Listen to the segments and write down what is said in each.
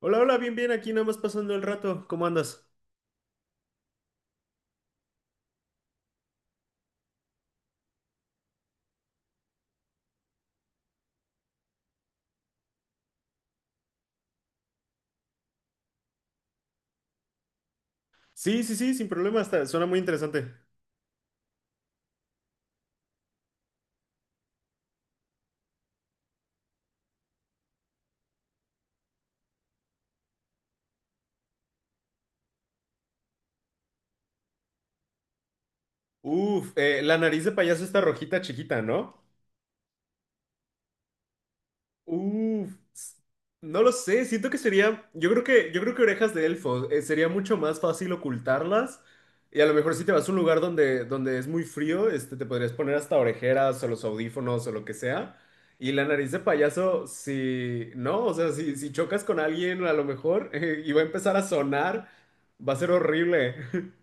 Hola, hola, bien, bien, aquí nada más pasando el rato. ¿Cómo andas? Sí, sí, sí, sin problema, está, suena muy interesante. Uf, la nariz de payaso está rojita chiquita, ¿no? Uf, no lo sé, siento que sería, yo creo que orejas de elfo, sería mucho más fácil ocultarlas, y a lo mejor si te vas a un lugar donde es muy frío, este, te podrías poner hasta orejeras o los audífonos o lo que sea. Y la nariz de payaso, si no, o sea, si chocas con alguien a lo mejor y va a empezar a sonar, va a ser horrible.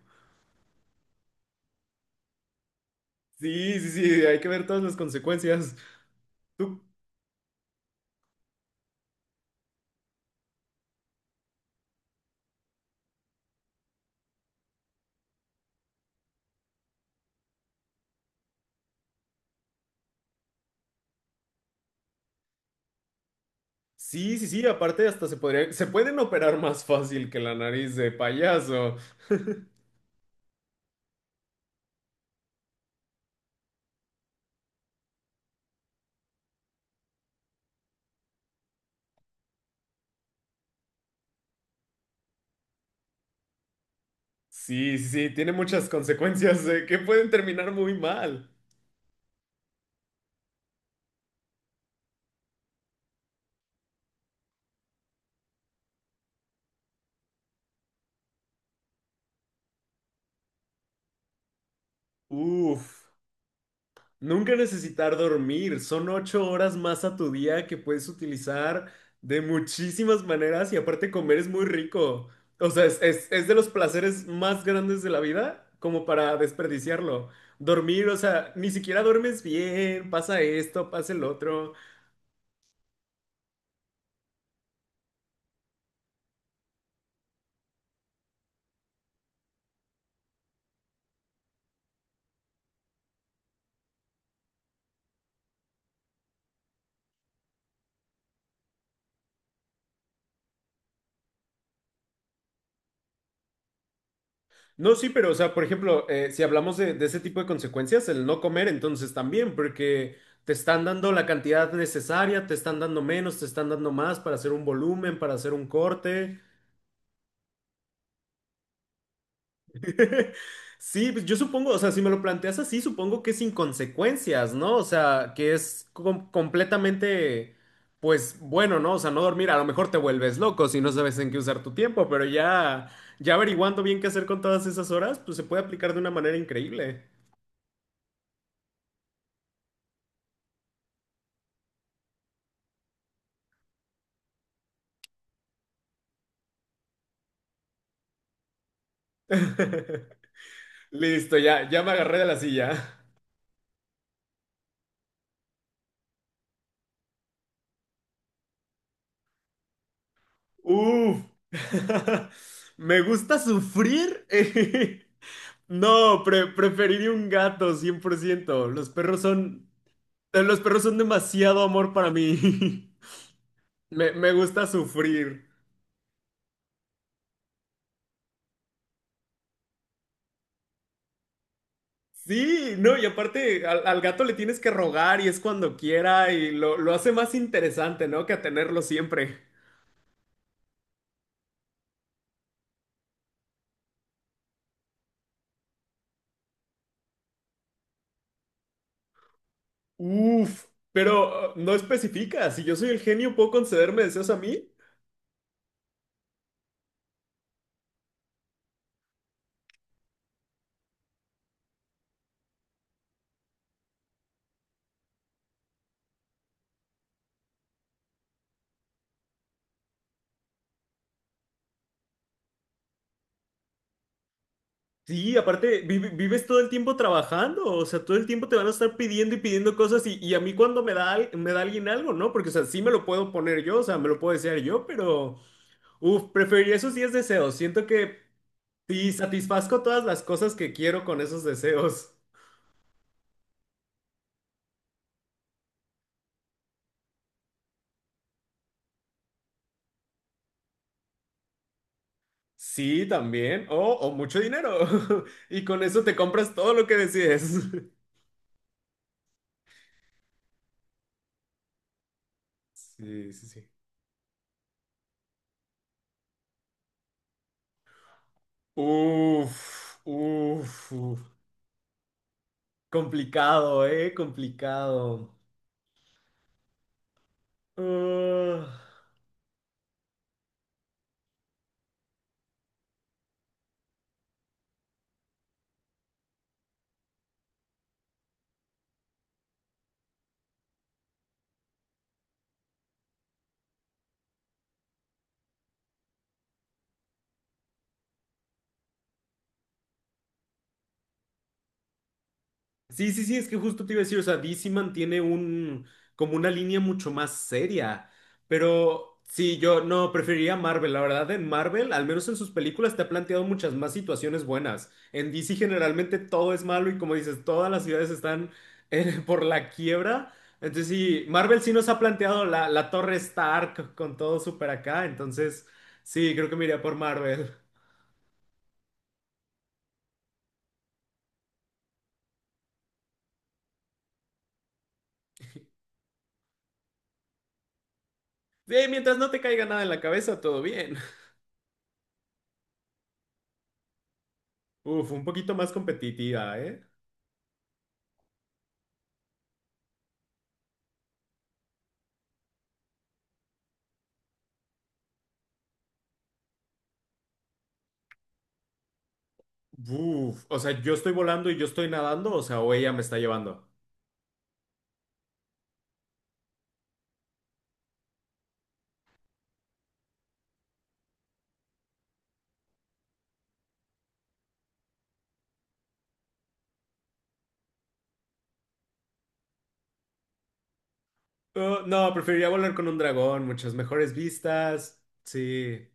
Sí, sí, sí, hay que ver todas las consecuencias. Sí, sí, sí, aparte hasta se podría, se pueden operar más fácil que la nariz de payaso. Sí, sí, tiene muchas consecuencias que pueden terminar muy mal. Uf, nunca necesitar dormir. Son 8 horas más a tu día que puedes utilizar de muchísimas maneras, y aparte comer es muy rico. O sea, es de los placeres más grandes de la vida como para desperdiciarlo. Dormir, o sea, ni siquiera duermes bien, pasa esto, pasa el otro. No, sí, pero, o sea, por ejemplo, si hablamos de ese tipo de consecuencias, el no comer, entonces también, porque te están dando la cantidad necesaria, te están dando menos, te están dando más para hacer un volumen, para hacer un corte. Sí, pues yo supongo, o sea, si me lo planteas así, supongo que es sin consecuencias, ¿no? O sea, que es completamente, pues bueno, ¿no? O sea, no dormir, a lo mejor te vuelves loco si no sabes en qué usar tu tiempo, pero ya, ya averiguando bien qué hacer con todas esas horas, pues se puede aplicar de una manera increíble. Listo, ya, ya me agarré de la silla. Uf. Me gusta sufrir. No, preferiría un gato, 100%. Los perros son demasiado amor para mí. Me gusta sufrir. Sí, no, y aparte al gato le tienes que rogar y es cuando quiera y lo hace más interesante, ¿no? Que a tenerlo siempre. Uf, pero no especifica. Si yo soy el genio, ¿puedo concederme deseos a mí? Sí, aparte, vives todo el tiempo trabajando, o sea, todo el tiempo te van a estar pidiendo y pidiendo cosas, y a mí cuando me da, me da alguien algo, ¿no? Porque, o sea, sí me lo puedo poner yo, o sea, me lo puedo desear yo, pero, uff, preferiría esos 10 deseos. Siento que sí, satisfazco todas las cosas que quiero con esos deseos. Sí, también, o mucho dinero. Y con eso te compras todo lo que decides. Sí, sí, sí. Uf, uf, uf. Complicado, ¿eh? Complicado. Ah, sí, sí, sí, es que justo te iba a decir, o sea, DC mantiene un, como una línea mucho más seria, pero sí, yo no, preferiría Marvel, la verdad. En Marvel, al menos en sus películas, te ha planteado muchas más situaciones buenas. En DC generalmente todo es malo, y como dices, todas las ciudades están por la quiebra. Entonces sí, Marvel sí nos ha planteado la, la Torre Stark con todo súper acá, entonces sí, creo que me iría por Marvel. Sí, mientras no te caiga nada en la cabeza, todo bien. Uf, un poquito más competitiva, ¿eh? Uf, o sea, yo estoy volando y yo estoy nadando, o sea, o ella me está llevando. No, preferiría volar con un dragón, muchas mejores vistas. Sí.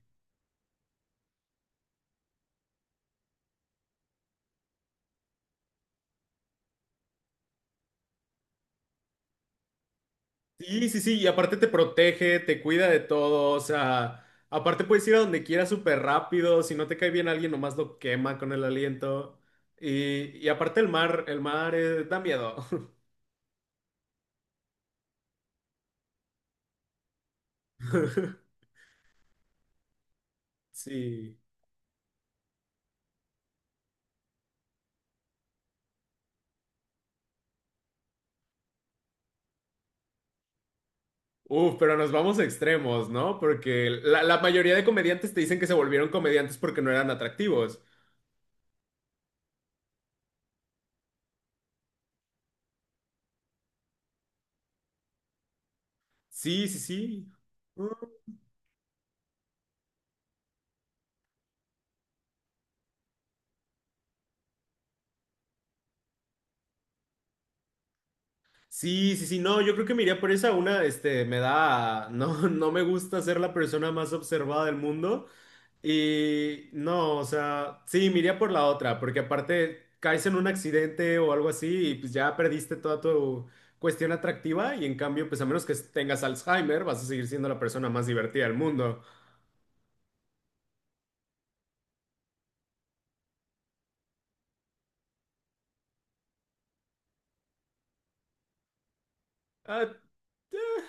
Sí, sí, sí, y aparte te protege, te cuida de todo, o sea, aparte puedes ir a donde quieras súper rápido, si no te cae bien alguien, nomás lo quema con el aliento. Y aparte el mar da miedo. Sí. Uf, pero nos vamos a extremos, ¿no? Porque la mayoría de comediantes te dicen que se volvieron comediantes porque no eran atractivos. Sí, sí, sí. Mm. Sí, sí, sí, no, yo creo que me iría por esa una, este, me da, no, no me gusta ser la persona más observada del mundo, y no, o sea, sí, me iría por la otra, porque aparte caes en un accidente o algo así y pues ya perdiste toda tu cuestión atractiva, y en cambio, pues a menos que tengas Alzheimer, vas a seguir siendo la persona más divertida del mundo. Ah, eh.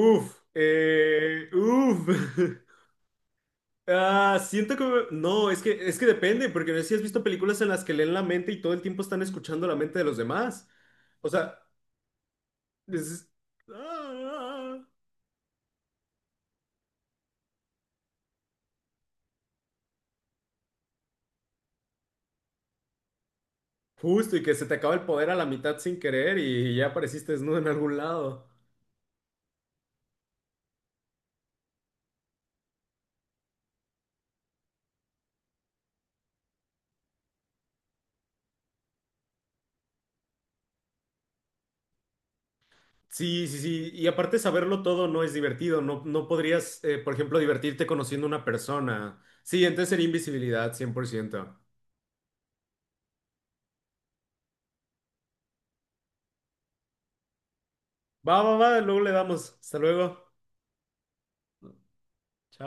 Uf, uf. Ah, siento que... No, es que depende, porque no sé si has visto películas en las que leen la mente y todo el tiempo están escuchando la mente de los demás. O sea, es- ah, justo y que se te acaba el poder a la mitad sin querer y ya apareciste desnudo en algún lado. Sí, sí, sí. Y aparte saberlo todo no es divertido. No, no podrías, por ejemplo, divertirte conociendo una persona. Sí, entonces sería invisibilidad, 100%. Va, va, va, luego le damos. Hasta luego. Chao.